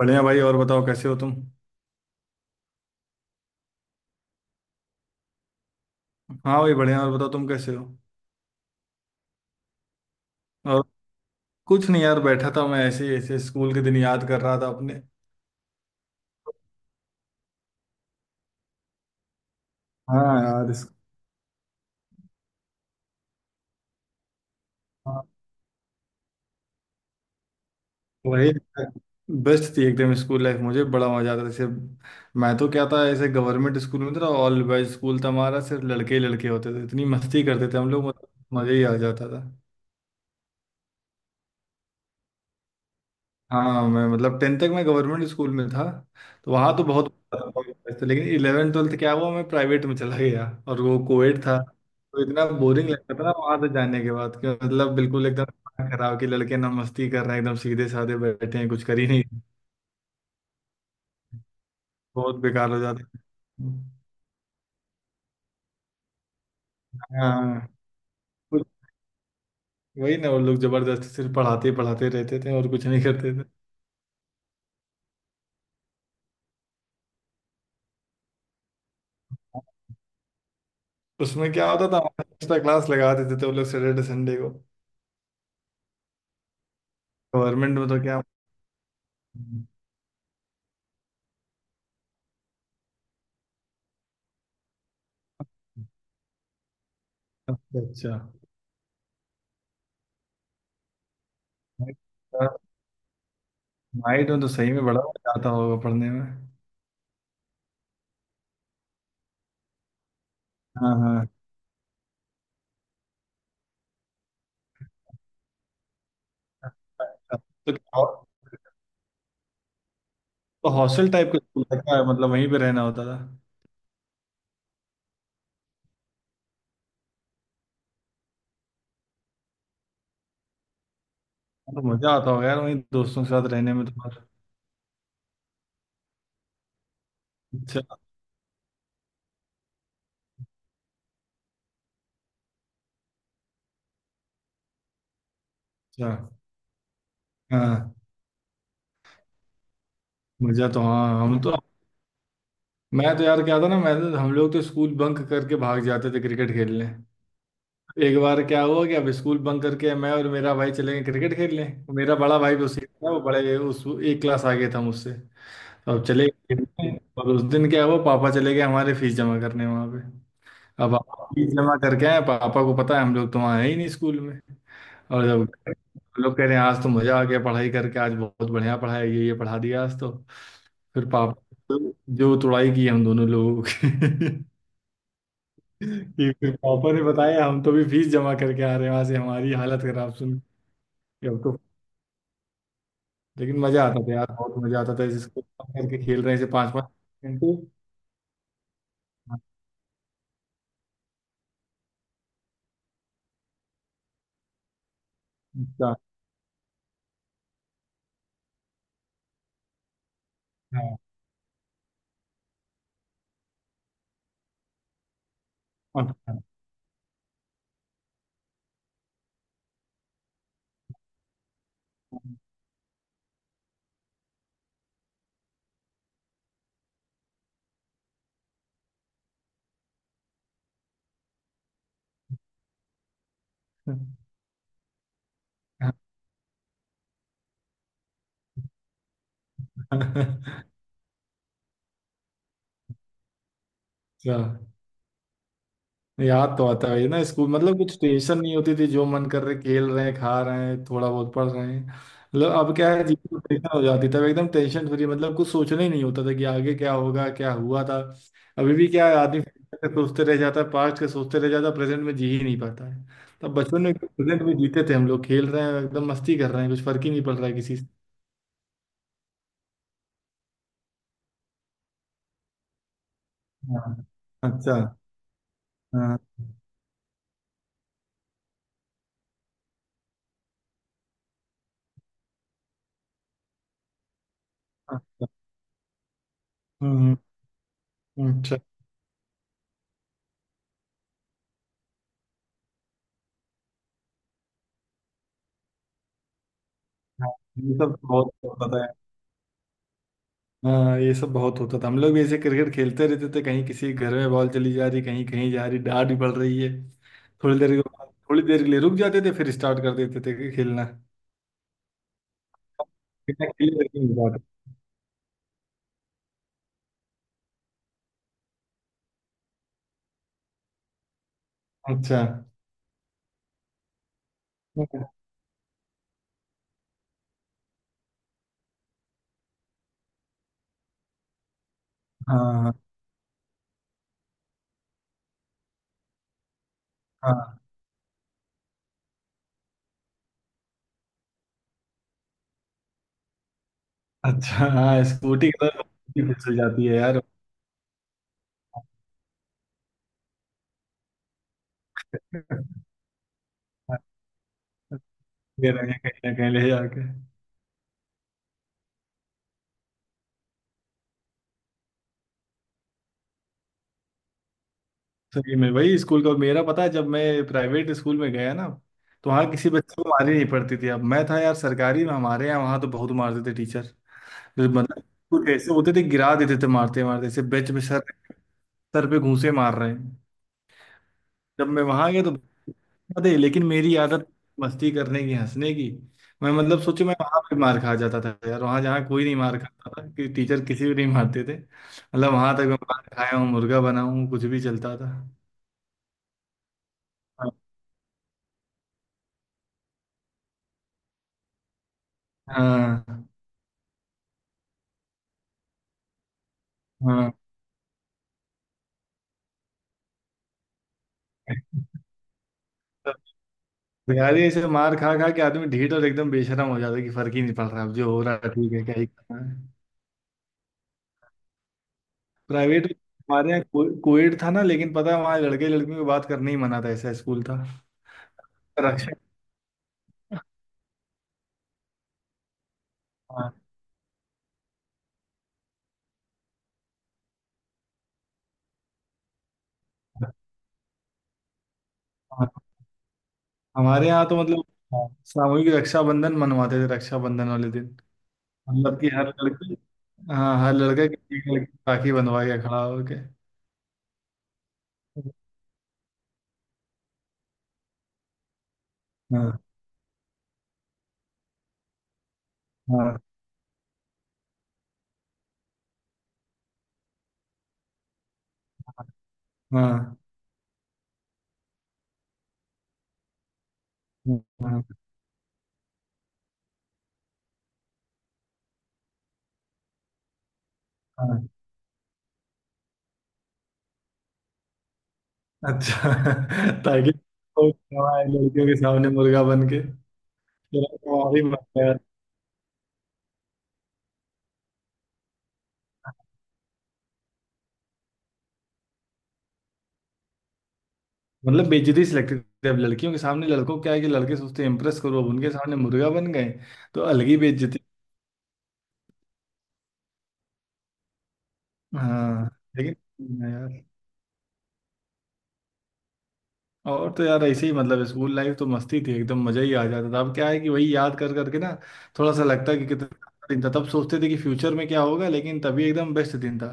बढ़िया भाई और बताओ कैसे हो तुम। हाँ भाई बढ़िया और बताओ तुम कैसे हो। और कुछ नहीं यार, बैठा था मैं ऐसे ही ऐसे, स्कूल के दिन याद कर रहा था अपने। हाँ यार, हाँ वही, बेस्ट थी एकदम स्कूल लाइफ, मुझे बड़ा मजा आता था। जैसे मैं तो क्या था, ऐसे गवर्नमेंट स्कूल में था, ऑल बॉयज स्कूल था हमारा, सिर्फ लड़के ही लड़के होते थे, इतनी मस्ती करते थे हम लोग, मतलब मजा ही आ जाता था। हाँ मैं, मतलब टेंथ तक मैं गवर्नमेंट स्कूल में था, तो वहाँ तो बहुत था। लेकिन इलेवन ट्वेल्थ क्या हुआ, मैं प्राइवेट में चला गया और वो कोएड था, तो इतना बोरिंग लगता था ना वहाँ से जाने के बाद। कि मतलब बिल्कुल एकदम दिमाग खराब, कि लड़के ना मस्ती कर रहे हैं, एकदम सीधे साधे बैठे हैं कुछ कर ही नहीं। बहुत बेकार हो जाते थे। हाँ, कुछ, वही ना, वो लोग जबरदस्ती सिर्फ पढ़ाते ही पढ़ाते रहते थे और कुछ नहीं करते थे। उसमें क्या होता था, एक्स्ट्रा क्लास लगा देते थे वो लोग सैटरडे संडे को। गवर्नमेंट में तो क्या। अच्छा अच्छा। माइट में तो सही में बड़ा मजा आता होगा पढ़ने में। हाँ हाँ। अच्छा, तो क्या, तो हॉस्टल टाइप का स्कूल था क्या, मतलब वहीं पे रहना होता था? तो मजा आता होगा यार, वहीं दोस्तों के साथ रहने में तो। और अच्छा अच्छा। हाँ, मजा तो, हाँ हम तो, मैं तो यार, क्या था ना, मैं तो, हम लोग तो स्कूल बंक करके भाग जाते थे क्रिकेट खेलने। एक बार क्या हुआ कि अब स्कूल बंक करके मैं और मेरा भाई चले गए क्रिकेट खेलने। मेरा बड़ा भाई भी उसी का था, वो बड़े उस एक क्लास आगे था मुझसे, तो अब चले गए खेलने। और उस दिन क्या हुआ, पापा चले गए हमारे फीस जमा करने वहाँ पे। अब पापा फीस जमा करके आए, पापा को पता है हम लोग तो वहाँ है ही नहीं स्कूल में। और जब हम लोग कह रहे हैं आज तो मजा आ गया पढ़ाई करके, आज बहुत बढ़िया पढ़ाया, ये पढ़ा दिया आज तो। फिर पापा, जो तुड़ाई की हम दोनों लोगों की कि फिर पापा ने बताया हम तो भी फीस जमा करके आ रहे हैं वहां से, हमारी हालत खराब सुन के अब तो। लेकिन मजा आता था यार, बहुत मजा आता था, जिसको कम करके खेल रहे हैं, जैसे पांच पांच घंटे। अच्छा, हाँ, अच्छा अच्छा। याद तो आता है ना स्कूल, मतलब कुछ टेंशन नहीं होती थी, जो मन कर रहे खेल रहे हैं खा रहे हैं थोड़ा बहुत पढ़ रहे हैं। मतलब अब क्या है, जीवन टेंशन हो जाती, तब एकदम टेंशन फ्री, मतलब कुछ सोचना ही नहीं होता था कि आगे क्या होगा क्या हुआ था। अभी भी क्या है, आदमी future के सोचते रह जाता है, पास्ट के सोचते रह जाता है, प्रेजेंट में जी ही नहीं पाता है। तब बचपन में प्रेजेंट में जीते थे हम लोग, खेल रहे हैं एकदम मस्ती कर रहे हैं, कुछ फर्क ही नहीं पड़ रहा है किसी से। हाँ, अच्छा, हाँ, अच्छा। हम्म, अच्छा, हाँ, ये सब बहुत होता था। हाँ, ये सब बहुत होता था, हम लोग भी ऐसे क्रिकेट खेलते रहते थे, कहीं किसी के घर में बॉल चली जा रही, कहीं कहीं जा रही, डांट भी पड़ रही है। थोड़ी देर के बाद, थोड़ी देर के लिए रुक जाते थे, फिर स्टार्ट कर देते थे कि खेलना। बिना खेले रखेंगे बात। अच्छा, हाँ हाँ अच्छा। हाँ, स्कूटी के साथ स्कूटी फिसल जाती है यार। ये रहे हैं कहीं ना कहीं ले जाके। सही में वही स्कूल का, मेरा पता है जब मैं प्राइवेट स्कूल में गया ना, तो वहाँ किसी बच्चे को मारी नहीं पड़ती थी। अब मैं था यार सरकारी में हमारे यहाँ, वहाँ तो बहुत मारते थे टीचर। फिर मतलब कुछ ऐसे होते थे, गिरा देते थे, मारते मारते ऐसे बेंच पे सर, सर पे घूंसे मार रहे हैं। जब मैं वहां गया तो बता दे लेकिन मेरी आदत मस्ती करने की, हंसने की। मैं मतलब सोचे मैं वहां पे मार खा जाता था यार, वहां जहाँ कोई नहीं मार खाता था, कि टीचर किसी भी नहीं मारते थे, मतलब वहां तक मैं मार खाया हूँ, मुर्गा बना हूँ, कुछ भी चलता था। हाँ हाँ। तो यार ये ऐसे मार खा खा के आदमी ढीठ और एकदम बेशरम हो जाता है, कि फर्क ही नहीं पड़ रहा, अब जो हो रहा है ठीक है, क्या ही करना। प्राइवेट में हमारे यहाँ कोविड था ना, लेकिन पता है वहाँ लड़के लड़कियों की बात करने ही मना था, ऐसा स्कूल था। रक्षा हाँ, हाँ। हमारे यहाँ तो मतलब, हाँ, सामूहिक रक्षाबंधन मनवाते थे रक्षाबंधन वाले दिन। मतलब कि हर लड़की हाँ, हर लड़का किसी की एक लड़की को राखी बंधवा के खड़ा होके। हाँ, हाँ, हाँ, हाँ, हाँ। अच्छा ताकि वो हमारे लड़कियों के सामने मुर्गा बन के, फिर हमारी बात है। मतलब बेइज्जती से लगती थी, अब लड़कियों के सामने लड़कों को क्या है, कि लड़के सोचते हैं इम्प्रेस करो, अब उनके सामने मुर्गा बन गए, तो अलग ही बेइज्जती। हाँ, लेकिन हाँ यार, और तो यार ऐसे ही, मतलब स्कूल लाइफ तो मस्ती थी, एकदम मजा ही आ जाता था। अब क्या है कि वही याद कर करके ना थोड़ा सा लगता है कि कितना दिन था, तब सोचते थे कि फ्यूचर में क्या होगा, लेकिन तभी एकदम बेस्ट दिन था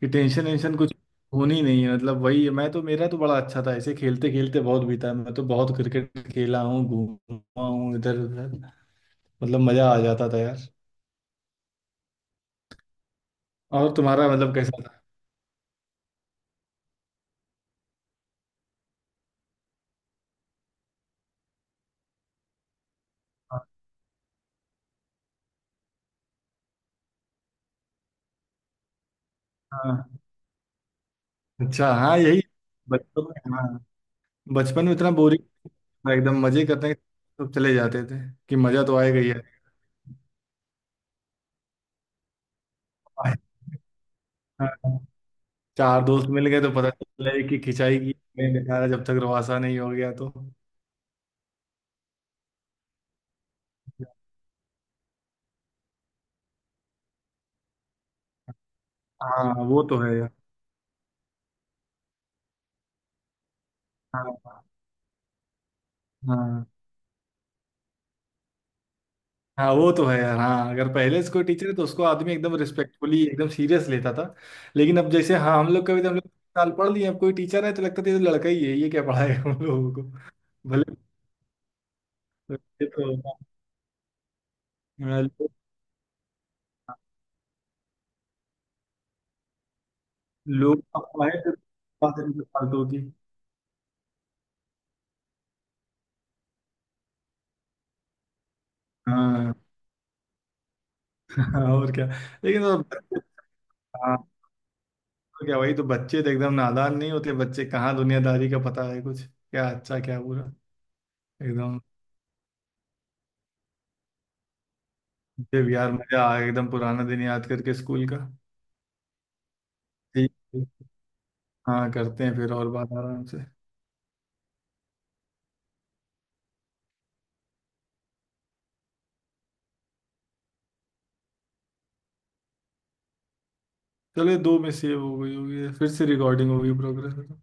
कि टेंशन वेंशन कुछ होनी नहीं है। मतलब वही, मैं तो, मेरा तो बड़ा अच्छा था, ऐसे खेलते खेलते बहुत बीता, मैं तो बहुत क्रिकेट खेला हूँ, घूमा हूँ इधर उधर, मतलब मजा आ जाता था यार। और तुम्हारा मतलब कैसा था? हाँ हाँ। अच्छा, हाँ यही बचपन में, हाँ, बचपन में इतना बोरिंग था, एकदम मजे करने सब चले जाते थे कि मजा तो आएगा ही आएगा। हाँ। चार दोस्त मिल गए तो पता चला है कि खिंचाई की, नहीं निकाला जब तक रवासा नहीं हो गया तो। हाँ, वो तो है यार। हाँ, हाँ, हाँ, वो तो है यार। हाँ, अगर पहले से कोई टीचर है तो उसको आदमी एकदम रिस्पेक्टफुली एकदम सीरियस लेता था। लेकिन अब जैसे, हाँ, हम लोग कभी तो, हम लोग साल पढ़ लिए, अब कोई टीचर है तो लगता था ये तो लड़का ही है, ये क्या पढ़ाएगा हम लोगों को। भले ये तो, हाँ, लोग, हाँ, लोग अफवाहें तो बात है, फालतू की। हाँ और क्या। लेकिन तो बच्चे, हाँ, तो क्या, वही तो, बच्चे तो एकदम नादान नहीं होते, बच्चे कहाँ दुनियादारी का पता है कुछ, क्या अच्छा क्या बुरा, एकदम। मुझे भी यार मजा आ गया, एकदम पुराना दिन याद करके स्कूल का। ठीक, हाँ करते हैं फिर, और बात आराम से। चलिए, दो में सेव हो गई होगी ये। फिर से रिकॉर्डिंग होगी प्रोग्रेस।